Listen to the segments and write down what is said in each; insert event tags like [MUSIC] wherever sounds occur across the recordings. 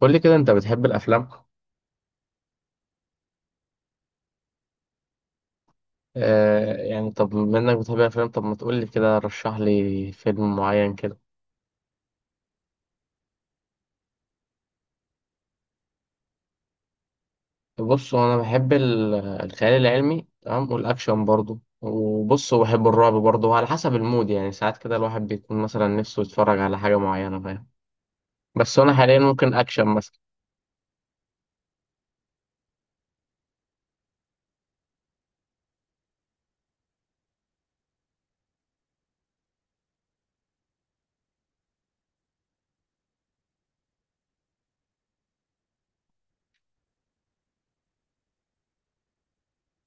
قول لي كده، انت بتحب الافلام؟ آه يعني، طب بما انك بتحب الافلام، طب ما تقول لي كده، رشح لي فيلم معين كده. بص هو انا بحب الخيال العلمي. تمام، والاكشن برضو، وبص وبحب الرعب برضو، وعلى حسب المود يعني، ساعات كده الواحد بيكون مثلا نفسه يتفرج على حاجة معينة، فاهم؟ بس انا حاليا ممكن اكشن مثلا.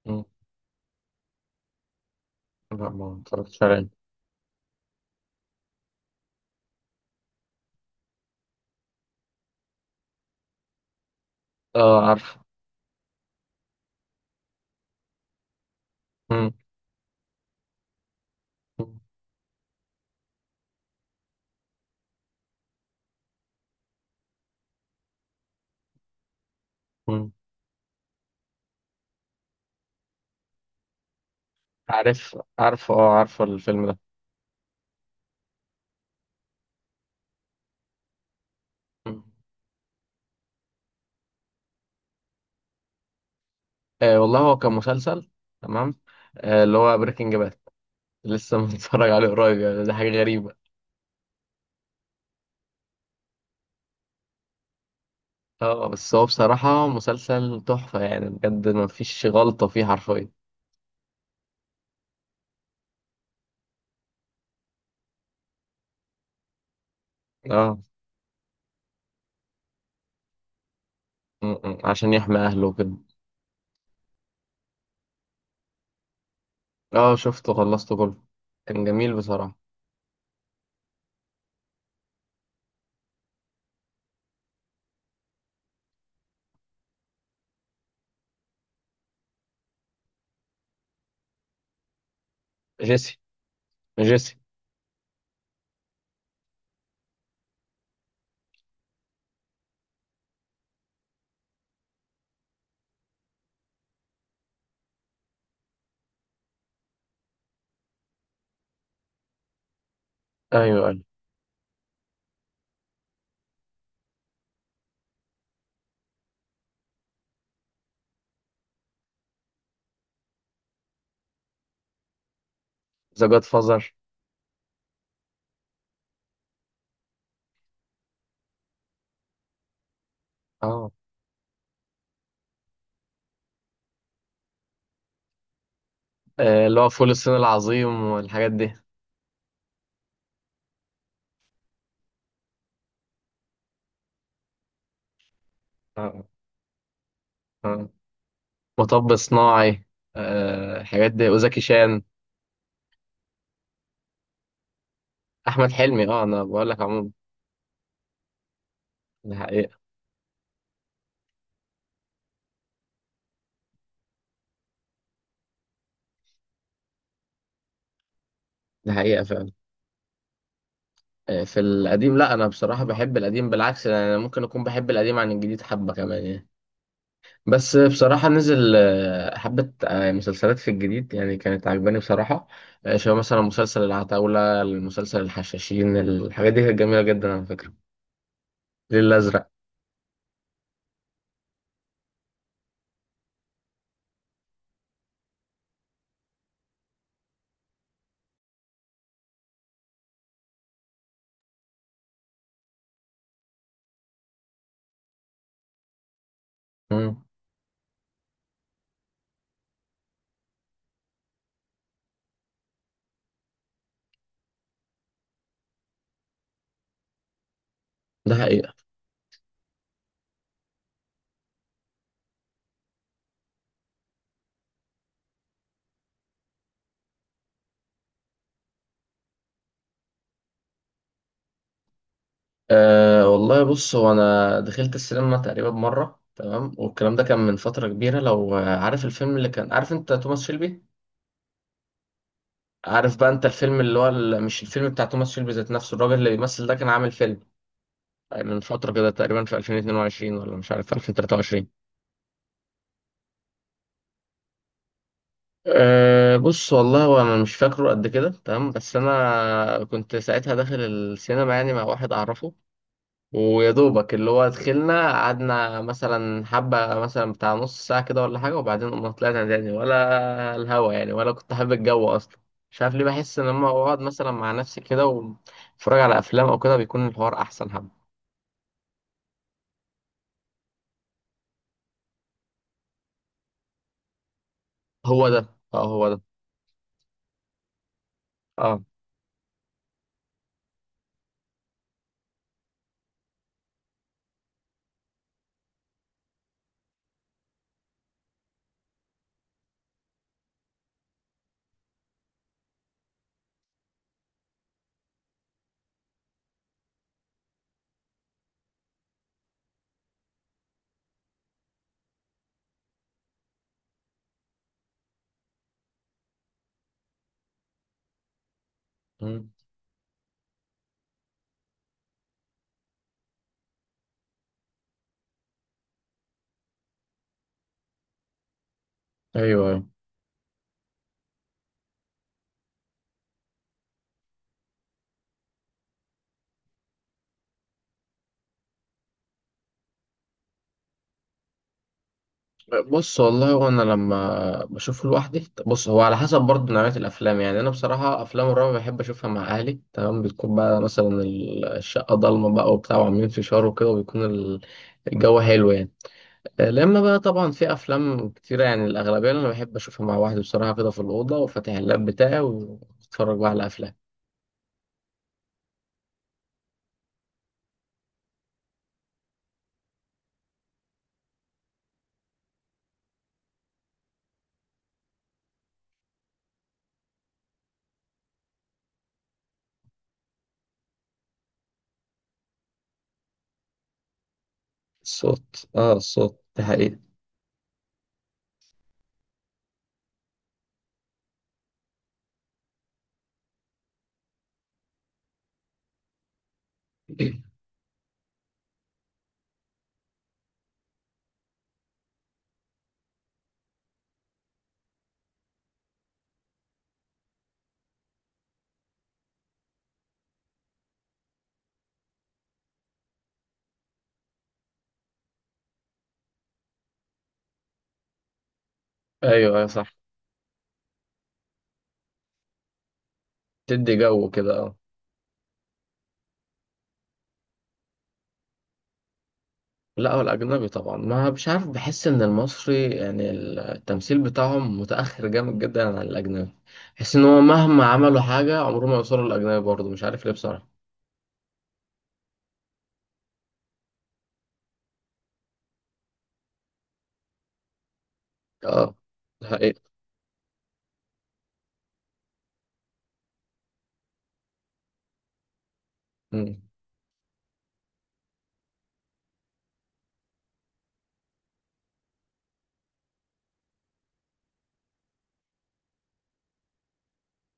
مم. لا، ما اتفرجتش عليه. اه عارف. مم. مم. مم. عارف، عارف، اه عارف الفيلم ده. مم. آه والله، هو كان مسلسل. تمام. آه اللي هو بريكنج باد. لسه [LAUGHS] متفرج عليه قريب يعني، ده حاجة غريبة. اه، بس هو بصراحة مسلسل تحفة يعني، بجد مفيش غلطة فيه حرفيا. اه. م- م. عشان يحمي أهله وكده. اه، شفته، خلصته كله. كان جميل بصراحة. جيسي، جيسي. أيوه، أيوه. ذا جاد فازر. اه. آه، اللي هو فول الصين العظيم والحاجات دي. اه. اه. مطب صناعي. آه الحاجات دي وزكي شان. أحمد حلمي، اه، أنا بقول لك عموما. ده حقيقة. ده حقيقة فعلا. آه، في القديم، لا انا بصراحه بحب القديم بالعكس يعني، انا ممكن اكون بحب القديم عن الجديد حبه كمان يعني. بس بصراحه نزل حبه مسلسلات في الجديد يعني كانت عجباني بصراحه. شبه مثلا مسلسل العتاوله، المسلسل الحشاشين، الحاجات دي كانت جميله جدا على فكره. الليل الازرق. مم. ده حقيقه. أه والله، بص هو انا دخلت السينما تقريبا مره تمام، والكلام ده كان من فتره كبيره، لو عارف الفيلم اللي كان، عارف انت توماس شيلبي؟ عارف بقى انت الفيلم اللي هو مش الفيلم بتاع توماس شيلبي ذات نفسه، الراجل اللي بيمثل ده كان عامل فيلم من فترة كده تقريبا في 2022 ولا مش عارف في 2023. أه، بص والله، هو انا مش فاكره قد كده تمام، بس انا كنت ساعتها داخل السينما يعني مع واحد اعرفه. ويا دوبك اللي هو دخلنا، قعدنا مثلا حبة مثلا بتاع نص ساعة كده ولا حاجة، وبعدين قمنا طلعنا تاني ولا الهوا يعني، ولا كنت حابب الجو أصلا. مش عارف ليه، بحس إن لما بقعد مثلا مع نفسي كده واتفرج على أفلام أو كده، بيكون الحوار أحسن حبة. هو ده، اه هو ده. اه. مم. أيوه، أيوه. بص والله، وانا لما بشوفه لوحدي، بص هو على حسب برضه نوعية الافلام يعني، انا بصراحة افلام الرعب بحب اشوفها مع اهلي تمام، بتكون بقى مثلا الشقة ضلمة بقى وبتاع، وعاملين فشار وكده، وبيكون الجو حلو يعني. لما بقى طبعا في افلام كتيرة يعني، الاغلبية اللي انا بحب اشوفها مع واحد بصراحة كده في الأوضة، وفاتح اللاب بتاعي واتفرج بقى على افلام. الصوت، اه الصوت ده حقيقي. [CLEARS THROAT] ايوه، ايوه، صح. تدي جو كده، اه. لا، هو الأجنبي طبعا، ما مش عارف، بحس إن المصري يعني التمثيل بتاعهم متأخر جامد جدا عن الأجنبي. بحس إن هو مهما عملوا حاجة عمرهم ما يوصلوا للأجنبي، برضه مش عارف ليه بصراحة. اه، ده حقيقة. مم.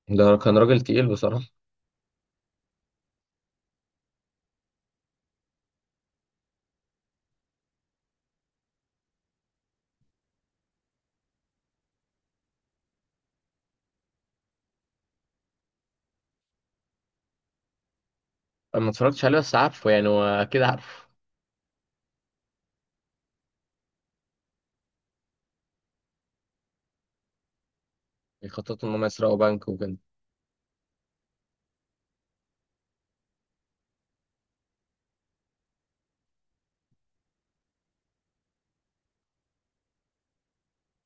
ده كان راجل تقيل بصراحة. أنا ما اتفرجتش عليه بس عارفه يعني، وأكيد عارفه. بيخططوا إن هم يسرقوا بنك وكده.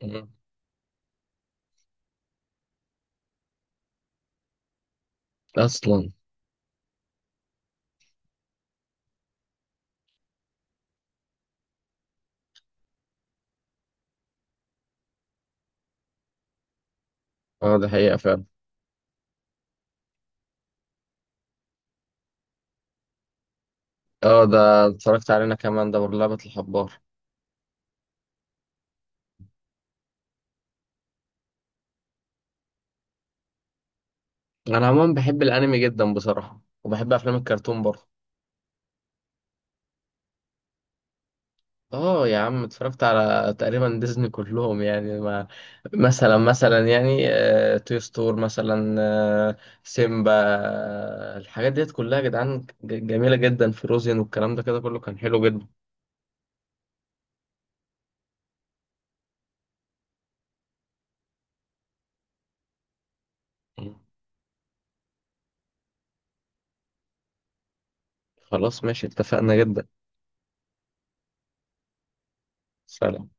مم. أصلا. اه، ده حقيقة فعلا. اه، ده اتفرجت علينا كمان، ده برضه لعبة الحبار. أنا عموما بحب الأنمي جدا بصراحة، وبحب أفلام الكرتون برضه. اه يا عم، اتفرجت على تقريبا ديزني كلهم يعني ما. مثلا مثلا يعني، توي ستور مثلا، آه، سيمبا، الحاجات ديت كلها يا جدعان، جميلة جدا، فروزين والكلام ده كده كله كان حلو جدا. يعني خلاص، ماشي، اتفقنا جدا. سلام.